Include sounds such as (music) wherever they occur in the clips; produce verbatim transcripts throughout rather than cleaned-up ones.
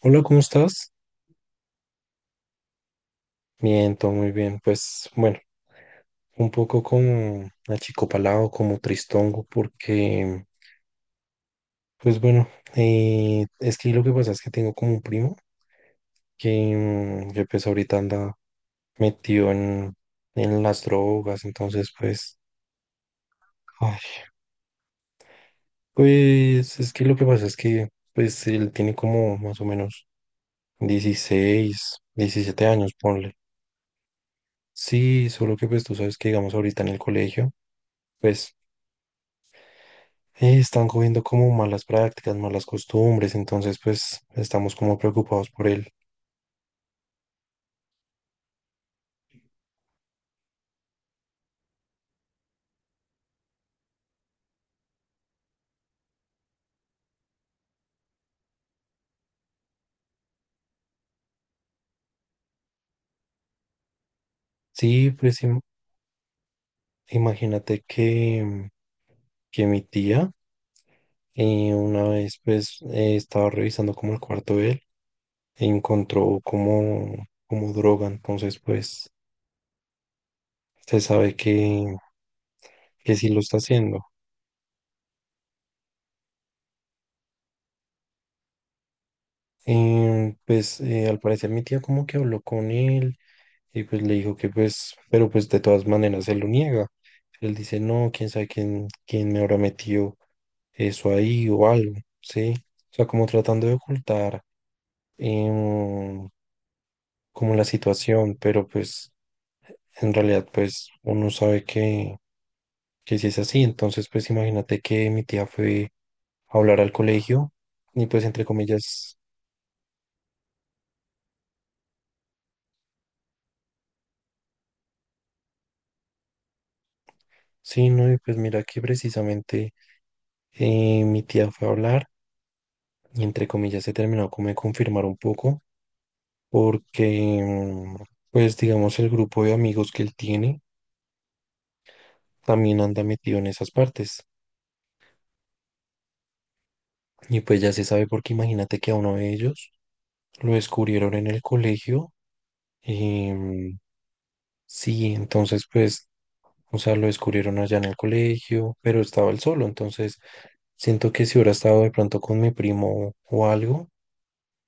Hola, ¿cómo estás? Bien, todo muy bien. Pues bueno, un poco como achicopalado, como tristongo, porque, pues bueno, eh, es que lo que pasa es que tengo como un primo que, mm, que, pues ahorita anda metido en, en las drogas, entonces pues, ay, pues es que lo que pasa es que, pues él tiene como más o menos dieciséis, diecisiete años, ponle. Sí, solo que pues tú sabes que digamos ahorita en el colegio. Pues eh, están cogiendo como malas prácticas, malas costumbres, entonces pues estamos como preocupados por él. Sí, pues im- imagínate que, mm, que mi tía eh, una vez pues eh, estaba revisando como el cuarto de él e encontró como, como droga, entonces pues se sabe que, que sí lo está haciendo. Em, pues eh, al parecer mi tía como que habló con él y pues le dijo que pues, pero pues de todas maneras él lo niega. Él dice, no, quién sabe quién, quién me habrá metido eso ahí o algo, ¿sí? O sea, como tratando de ocultar em, como la situación, pero pues en realidad pues uno sabe que, que si es así, entonces pues imagínate que mi tía fue a hablar al colegio y pues entre comillas, sí, no, y pues mira que precisamente eh, mi tía fue a hablar. Y entre comillas se terminó como de confirmar un poco, porque mm, pues digamos el grupo de amigos que él tiene también anda metido en esas partes. Y pues ya se sabe porque imagínate que a uno de ellos lo descubrieron en el colegio. em, sí, entonces pues, o sea, lo descubrieron allá en el colegio, pero estaba él solo. Entonces siento que si hubiera estado de pronto con mi primo o algo,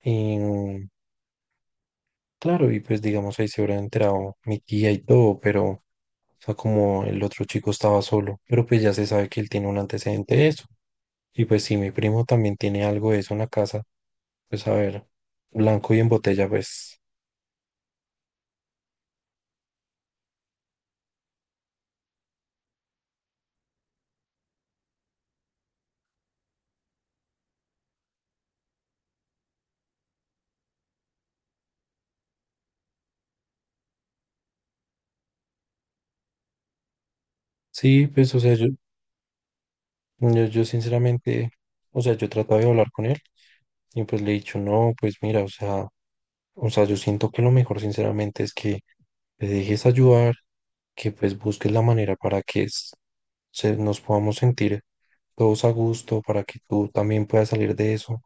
em, claro, y pues digamos ahí se hubiera enterado mi tía y todo, pero… O sea, como el otro chico estaba solo, pero pues ya se sabe que él tiene un antecedente de eso. Y pues si mi primo también tiene algo de eso en la casa, pues a ver, blanco y en botella, pues sí, pues o sea, yo, yo, yo sinceramente, o sea, yo trataba de hablar con él y pues le he dicho, no, pues mira, o sea, o sea, yo siento que lo mejor sinceramente es que te dejes ayudar, que pues busques la manera para que s- se, nos podamos sentir todos a gusto, para que tú también puedas salir de eso,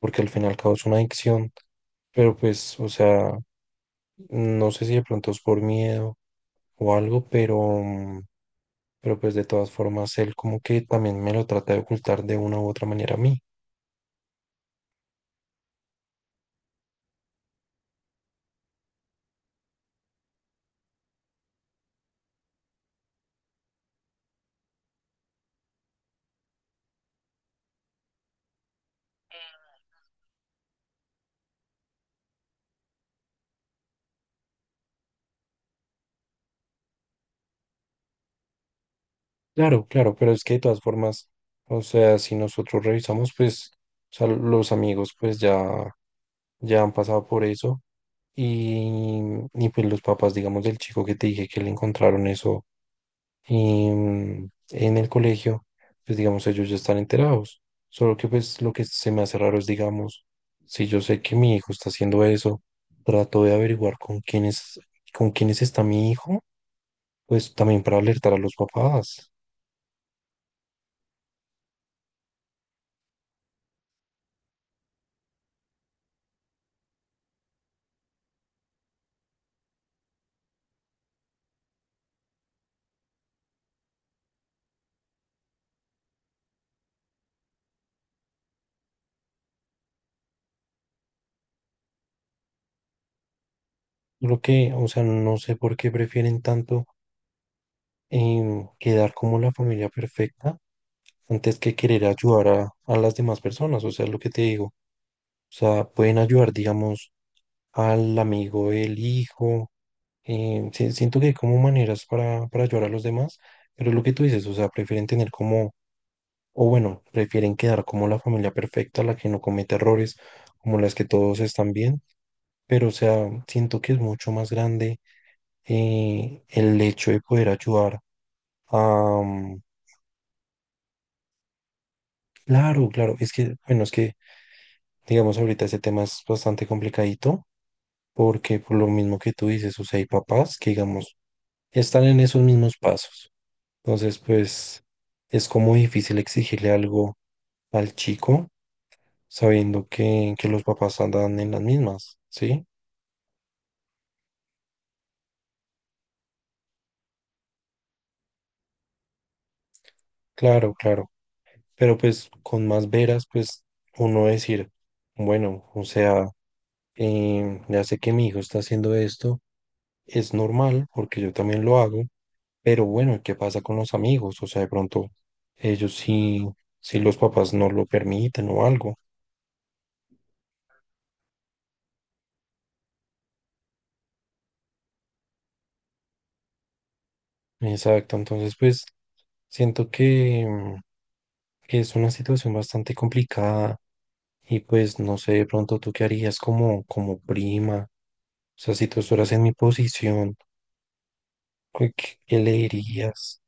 porque al fin y al cabo es una adicción, pero pues, o sea, no sé si de pronto es por miedo o algo, pero, mm, pero pues de todas formas él como que también me lo trata de ocultar de una u otra manera a mí. Claro, claro, pero es que de todas formas, o sea, si nosotros revisamos, pues, o sea, los amigos pues ya, ya han pasado por eso. Y, y pues los papás, digamos, del chico que te dije que le encontraron eso y mm, en el colegio, pues digamos, ellos ya están enterados. Solo que pues lo que se me hace raro es, digamos, si yo sé que mi hijo está haciendo eso, trato de averiguar con quiénes, con quiénes está mi hijo, pues también para alertar a los papás. Lo que, o sea, no sé por qué prefieren tanto em, quedar como la familia perfecta antes que querer ayudar a, a las demás personas. O sea, lo que te digo. O sea, pueden ayudar, digamos, al amigo del hijo. Eh, sí, siento que hay como maneras para, para ayudar a los demás, pero lo que tú dices, o sea, prefieren tener como, o bueno, prefieren quedar como la familia perfecta, la que no comete errores, como las que todos están bien, pero o sea, siento que es mucho más grande eh, el hecho de poder ayudar a… mm, Claro, claro, es que, bueno, es que, digamos, ahorita ese tema es bastante complicadito, porque por lo mismo que tú dices, o sea, hay papás que, digamos, están en esos mismos pasos. Entonces, pues es como difícil exigirle algo al chico sabiendo que, que los papás andan en las mismas, ¿sí? Claro, claro. Pero pues con más veras, pues uno decir, bueno, o sea, em, ya sé que mi hijo está haciendo esto, es normal porque yo también lo hago, pero bueno, ¿qué pasa con los amigos? O sea, de pronto ellos sí, si los papás no lo permiten o algo. Exacto, entonces pues siento que, mm, que es una situación bastante complicada y pues no sé de pronto tú qué harías como, como prima, o sea, si tú estuvieras en mi posición, ¿qué, qué- qué le dirías?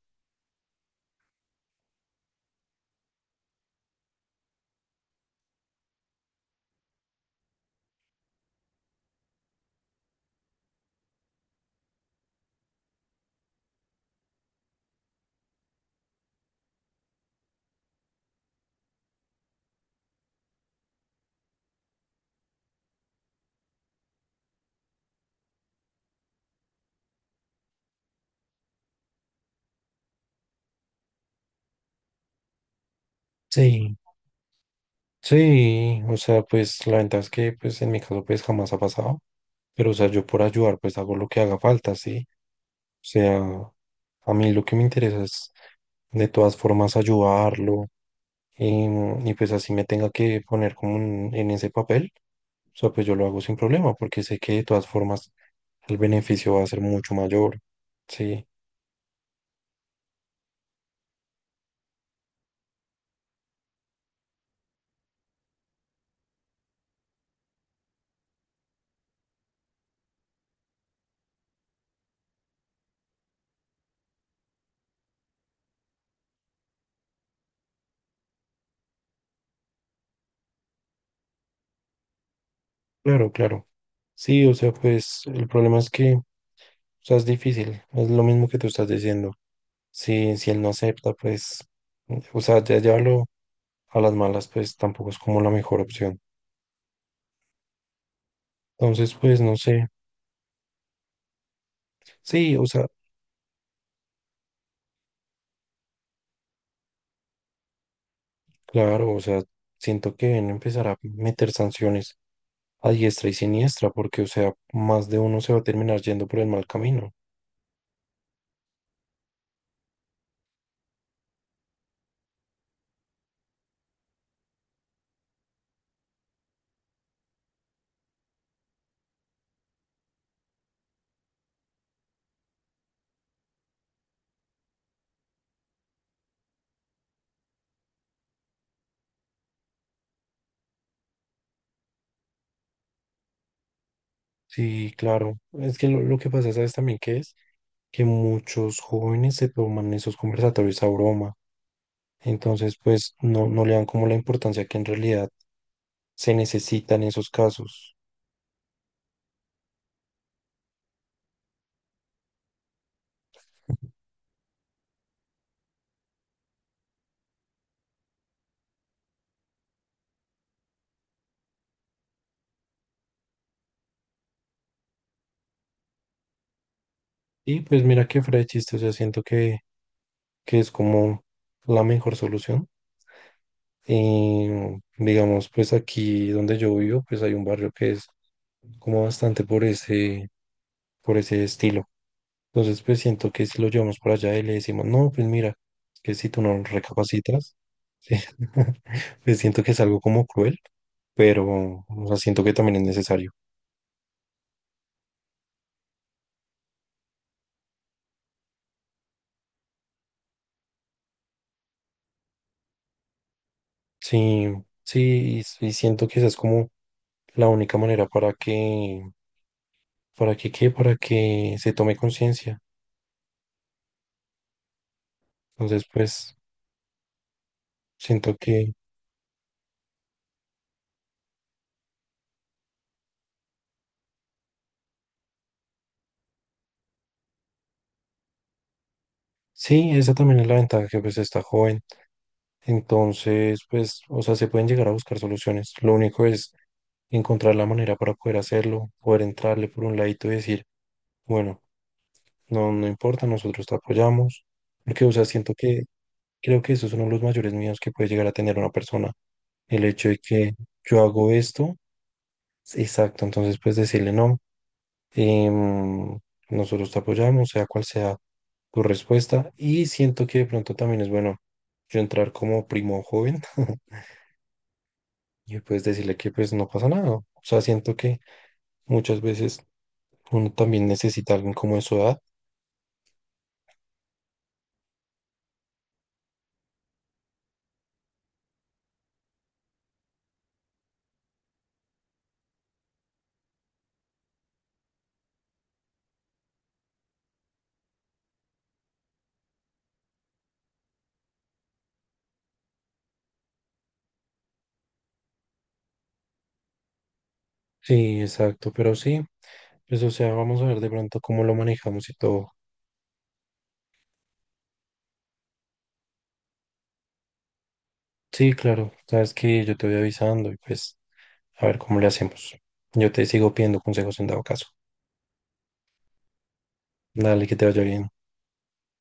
Sí, sí, o sea, pues la ventaja es que pues en mi caso pues jamás ha pasado, pero o sea, yo por ayudar pues hago lo que haga falta, ¿sí? O sea, a mí lo que me interesa es de todas formas ayudarlo. em, y pues así me tenga que poner como en, en ese papel, o sea, pues yo lo hago sin problema porque sé que de todas formas el beneficio va a ser mucho mayor. Sí, claro, claro. Sí, o sea, pues el problema es que, o sea, es difícil, es lo mismo que tú estás diciendo. Si, si él no acepta, pues, o sea, ya llevarlo a las malas, pues tampoco es como la mejor opción. Entonces, pues no sé. Sí, o sea, claro, o sea, siento que deben empezar a meter sanciones a diestra y siniestra, porque, o sea, más de uno se va a terminar yendo por el mal camino. Sí, claro. Es que lo, lo que pasa, ¿sabes también qué es? Que muchos jóvenes se toman esos conversatorios a broma. Entonces, pues no, no le dan como la importancia que en realidad se necesitan esos casos. Y pues mira que fuera de chiste, o sea, siento que, que es como la mejor solución. Y digamos, pues aquí donde yo vivo, pues hay un barrio que es como bastante por ese, por ese estilo. Entonces, pues siento que si lo llevamos para allá y le decimos, no, pues mira, que si tú no recapacitas, sí, (laughs) pues siento que es algo como cruel, pero o sea, siento que también es necesario. Sí, sí, y, y siento que esa es como la única manera para que, para que, ¿qué? Para que se tome conciencia. Entonces, pues siento que… Sí, esa también es la ventaja que pues está joven. Entonces, pues, o sea, se pueden llegar a buscar soluciones. Lo único es encontrar la manera para poder hacerlo, poder entrarle por un ladito y decir, bueno, no, no importa, nosotros te apoyamos. Porque, o sea, siento que creo que eso es uno de los mayores miedos que puede llegar a tener una persona. El hecho de que yo hago esto, exacto. Entonces, pues decirle, no, em, nosotros te apoyamos, sea cual sea tu respuesta y siento que de pronto también es bueno yo entrar como primo joven (laughs) y pues decirle que pues no pasa nada. O sea, siento que muchas veces uno también necesita a alguien como de su edad. Sí, exacto, pero sí, pues o sea, vamos a ver de pronto cómo lo manejamos y todo. Sí, claro, sabes que yo te voy avisando y pues a ver cómo le hacemos. Yo te sigo pidiendo consejos en dado caso. Dale, que te vaya bien.